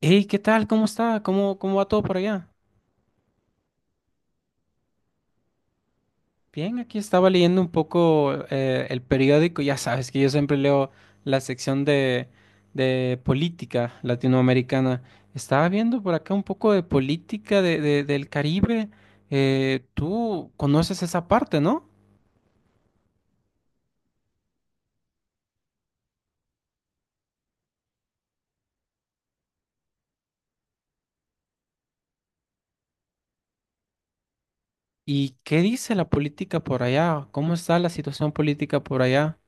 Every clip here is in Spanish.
Hey, ¿qué tal? ¿Cómo está? ¿Cómo va todo por allá? Bien, aquí estaba leyendo un poco el periódico. Ya sabes que yo siempre leo la sección de política latinoamericana. Estaba viendo por acá un poco de política del Caribe. Tú conoces esa parte, ¿no? ¿Y qué dice la política por allá? ¿Cómo está la situación política por allá?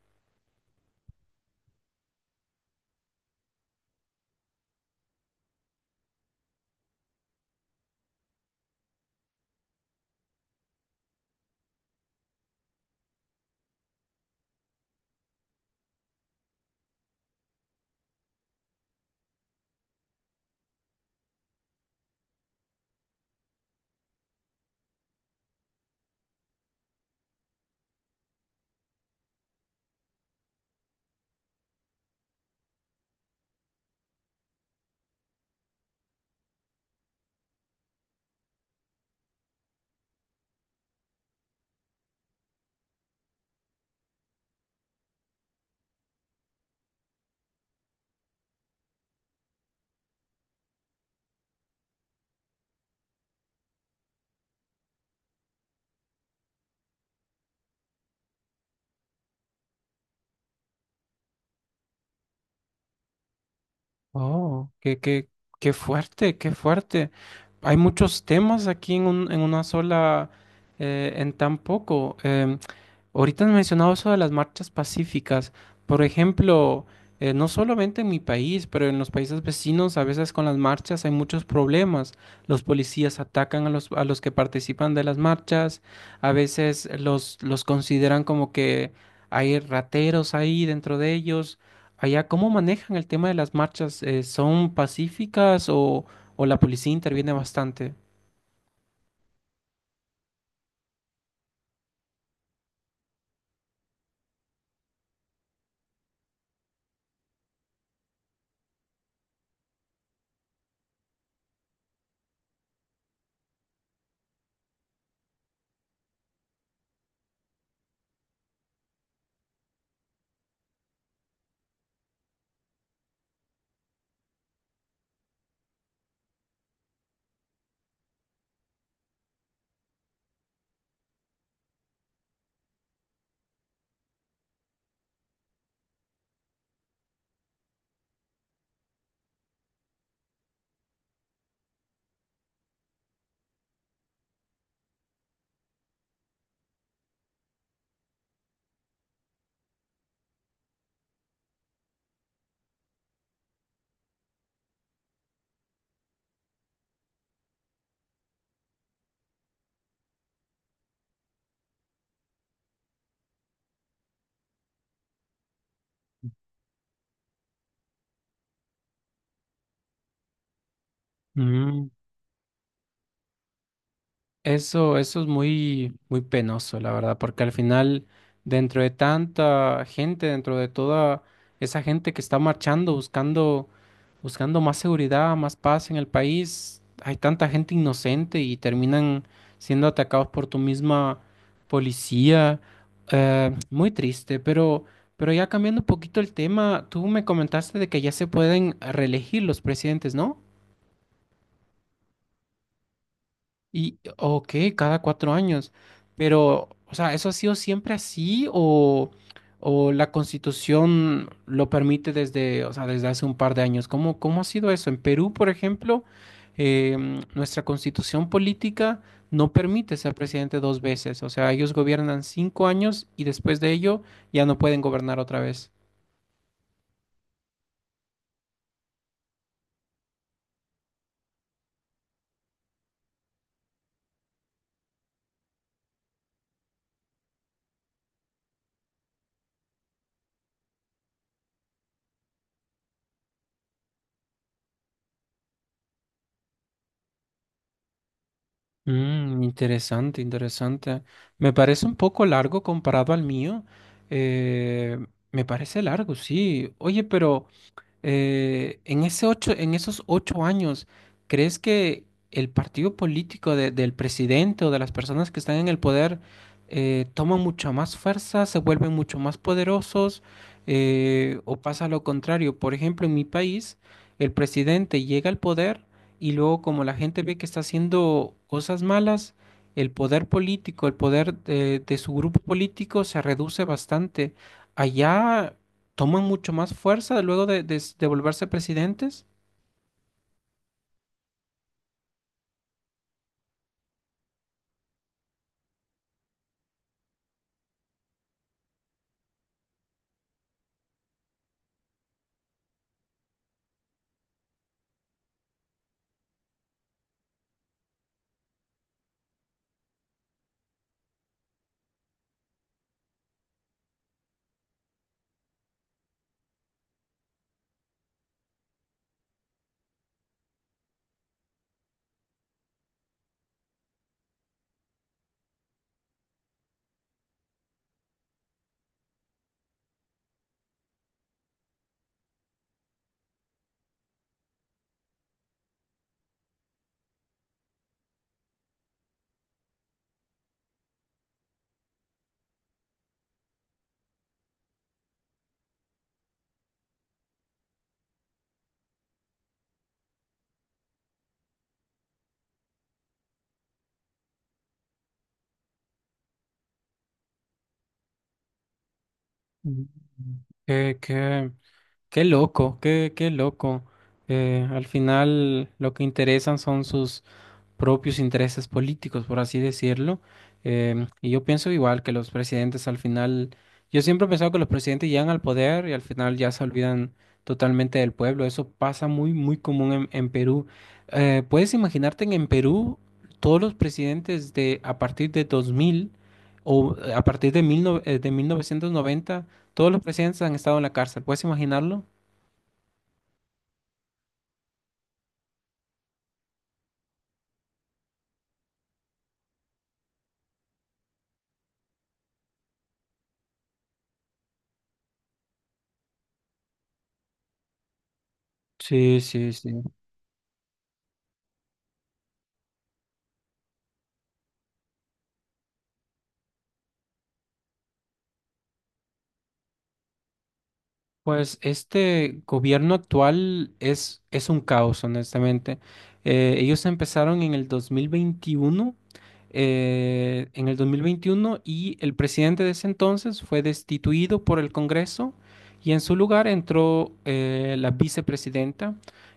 Oh, Qué fuerte, qué fuerte. Hay muchos temas aquí en una sola, en tan poco. Ahorita has mencionado eso de las marchas pacíficas. Por ejemplo, no solamente en mi país, pero en los países vecinos, a veces con las marchas hay muchos problemas. Los policías atacan a los que participan de las marchas. A veces los consideran como que hay rateros ahí dentro de ellos. Allá, ¿cómo manejan el tema de las marchas? ¿Son pacíficas o la policía interviene bastante? Mm. Eso es muy penoso, la verdad, porque al final, dentro de tanta gente, dentro de toda esa gente que está marchando, buscando más seguridad, más paz en el país, hay tanta gente inocente y terminan siendo atacados por tu misma policía. Muy triste, pero ya cambiando un poquito el tema, tú me comentaste de que ya se pueden reelegir los presidentes, ¿no? Y, ok, cada cuatro años. Pero, o sea, ¿eso ha sido siempre así o la Constitución lo permite desde, o sea, desde hace un par de años? ¿Cómo ha sido eso? En Perú, por ejemplo, nuestra Constitución política no permite ser presidente dos veces. O sea, ellos gobiernan cinco años y después de ello ya no pueden gobernar otra vez. Mm, interesante, interesante. Me parece un poco largo comparado al mío. Eh, Me parece largo, sí. Oye, pero en esos ocho años, ¿crees que el partido político del presidente o de las personas que están en el poder toman mucha más fuerza, se vuelven mucho más poderosos, o pasa lo contrario? Por ejemplo, en mi país, el presidente llega al poder y luego como la gente ve que está haciendo cosas malas, el poder político, el poder de su grupo político se reduce bastante. Allá toman mucho más fuerza luego de volverse presidentes. Mm. Qué, qué, qué loco, qué loco. Al final lo que interesan son sus propios intereses políticos, por así decirlo. Y yo pienso igual que los presidentes al final, yo siempre he pensado que los presidentes llegan al poder y al final ya se olvidan totalmente del pueblo. Eso pasa muy común en Perú. ¿Puedes imaginarte que en Perú todos los presidentes de a partir de 2000 o a partir de, mil no- de 1990 todos los presidentes han estado en la cárcel? ¿Puedes imaginarlo? Sí, sí, sí. Pues este gobierno actual es un caos, honestamente. Ellos empezaron en el 2021, en el 2021 y el presidente de ese entonces fue destituido por el Congreso y en su lugar entró la vicepresidenta.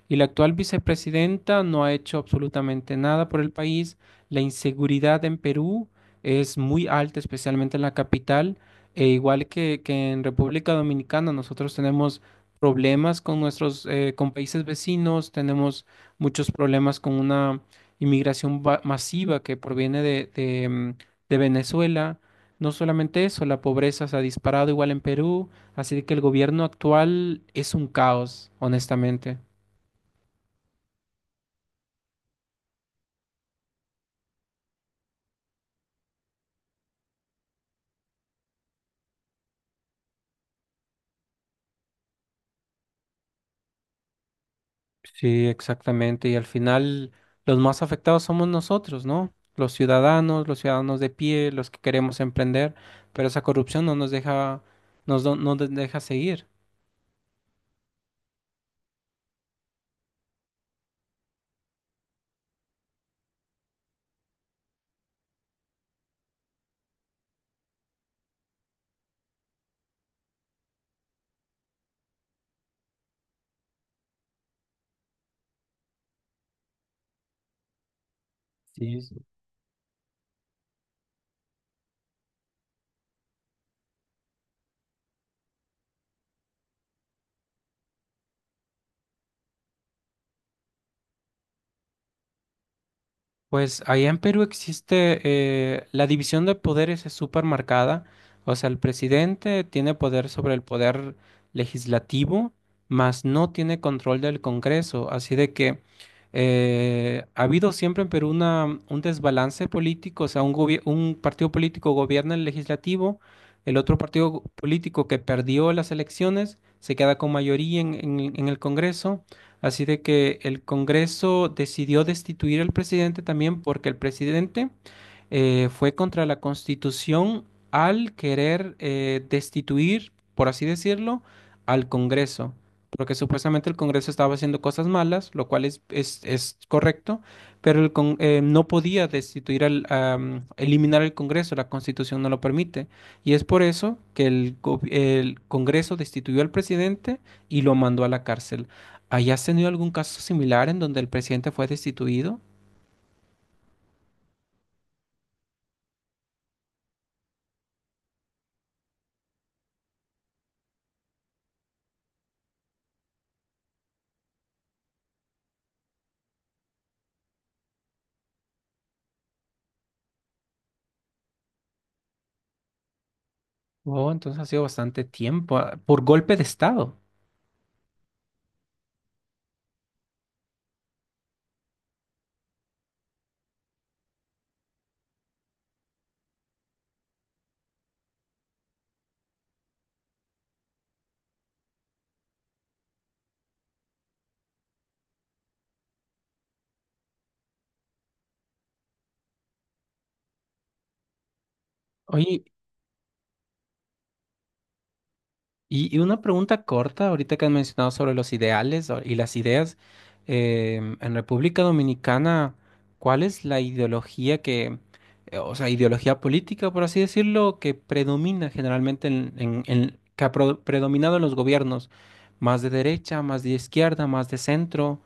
Y la actual vicepresidenta no ha hecho absolutamente nada por el país. La inseguridad en Perú es muy alta, especialmente en la capital. E igual que en República Dominicana, nosotros tenemos problemas con nuestros, con países vecinos, tenemos muchos problemas con una inmigración masiva que proviene de Venezuela. No solamente eso, la pobreza se ha disparado igual en Perú, así que el gobierno actual es un caos, honestamente. Sí, exactamente. Y al final los más afectados somos nosotros, ¿no? Los ciudadanos de pie, los que queremos emprender, pero esa corrupción no nos deja, no nos deja seguir. Sí. Pues allá en Perú existe la división de poderes es súper marcada. O sea, el presidente tiene poder sobre el poder legislativo, mas no tiene control del Congreso. Así de que ha habido siempre en Perú una, un desbalance político. O sea, un partido político gobierna el legislativo, el otro partido político que perdió las elecciones se queda con mayoría en el Congreso. Así de que el Congreso decidió destituir al presidente también porque el presidente fue contra la Constitución al querer destituir, por así decirlo, al Congreso. Porque supuestamente el Congreso estaba haciendo cosas malas, lo cual es correcto, pero no podía destituir eliminar el Congreso, la Constitución no lo permite. Y es por eso que el Congreso destituyó al presidente y lo mandó a la cárcel. ¿Hayas tenido algún caso similar en donde el presidente fue destituido? Oh, entonces ha sido bastante tiempo, ah, por golpe de estado. Oye, y una pregunta corta, ahorita que has mencionado sobre los ideales y las ideas, en República Dominicana, ¿cuál es la ideología que, o sea, ideología política, por así decirlo, que predomina generalmente que ha predominado en los gobiernos? ¿Más de derecha, más de izquierda, más de centro?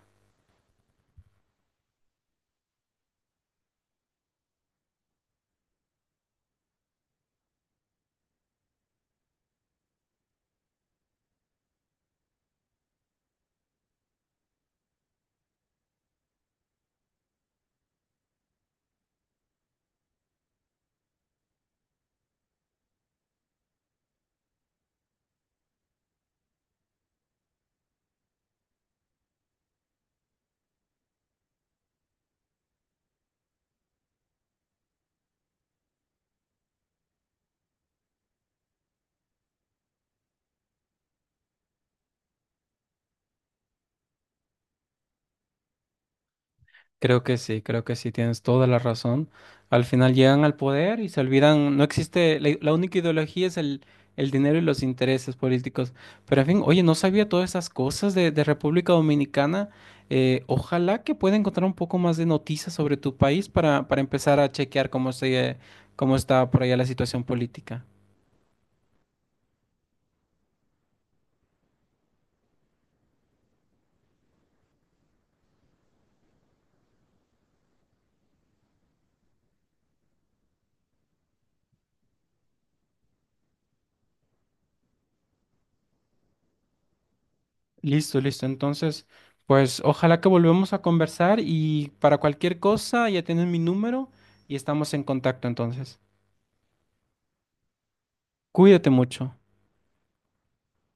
Creo que sí, tienes toda la razón. Al final llegan al poder y se olvidan, no existe, la única ideología es el dinero y los intereses políticos. Pero en fin, oye, no sabía todas esas cosas de República Dominicana. Ojalá que pueda encontrar un poco más de noticias sobre tu país para empezar a chequear cómo cómo está por allá la situación política. Listo, listo. Entonces, pues ojalá que volvamos a conversar y para cualquier cosa ya tienes mi número y estamos en contacto entonces. Cuídate mucho.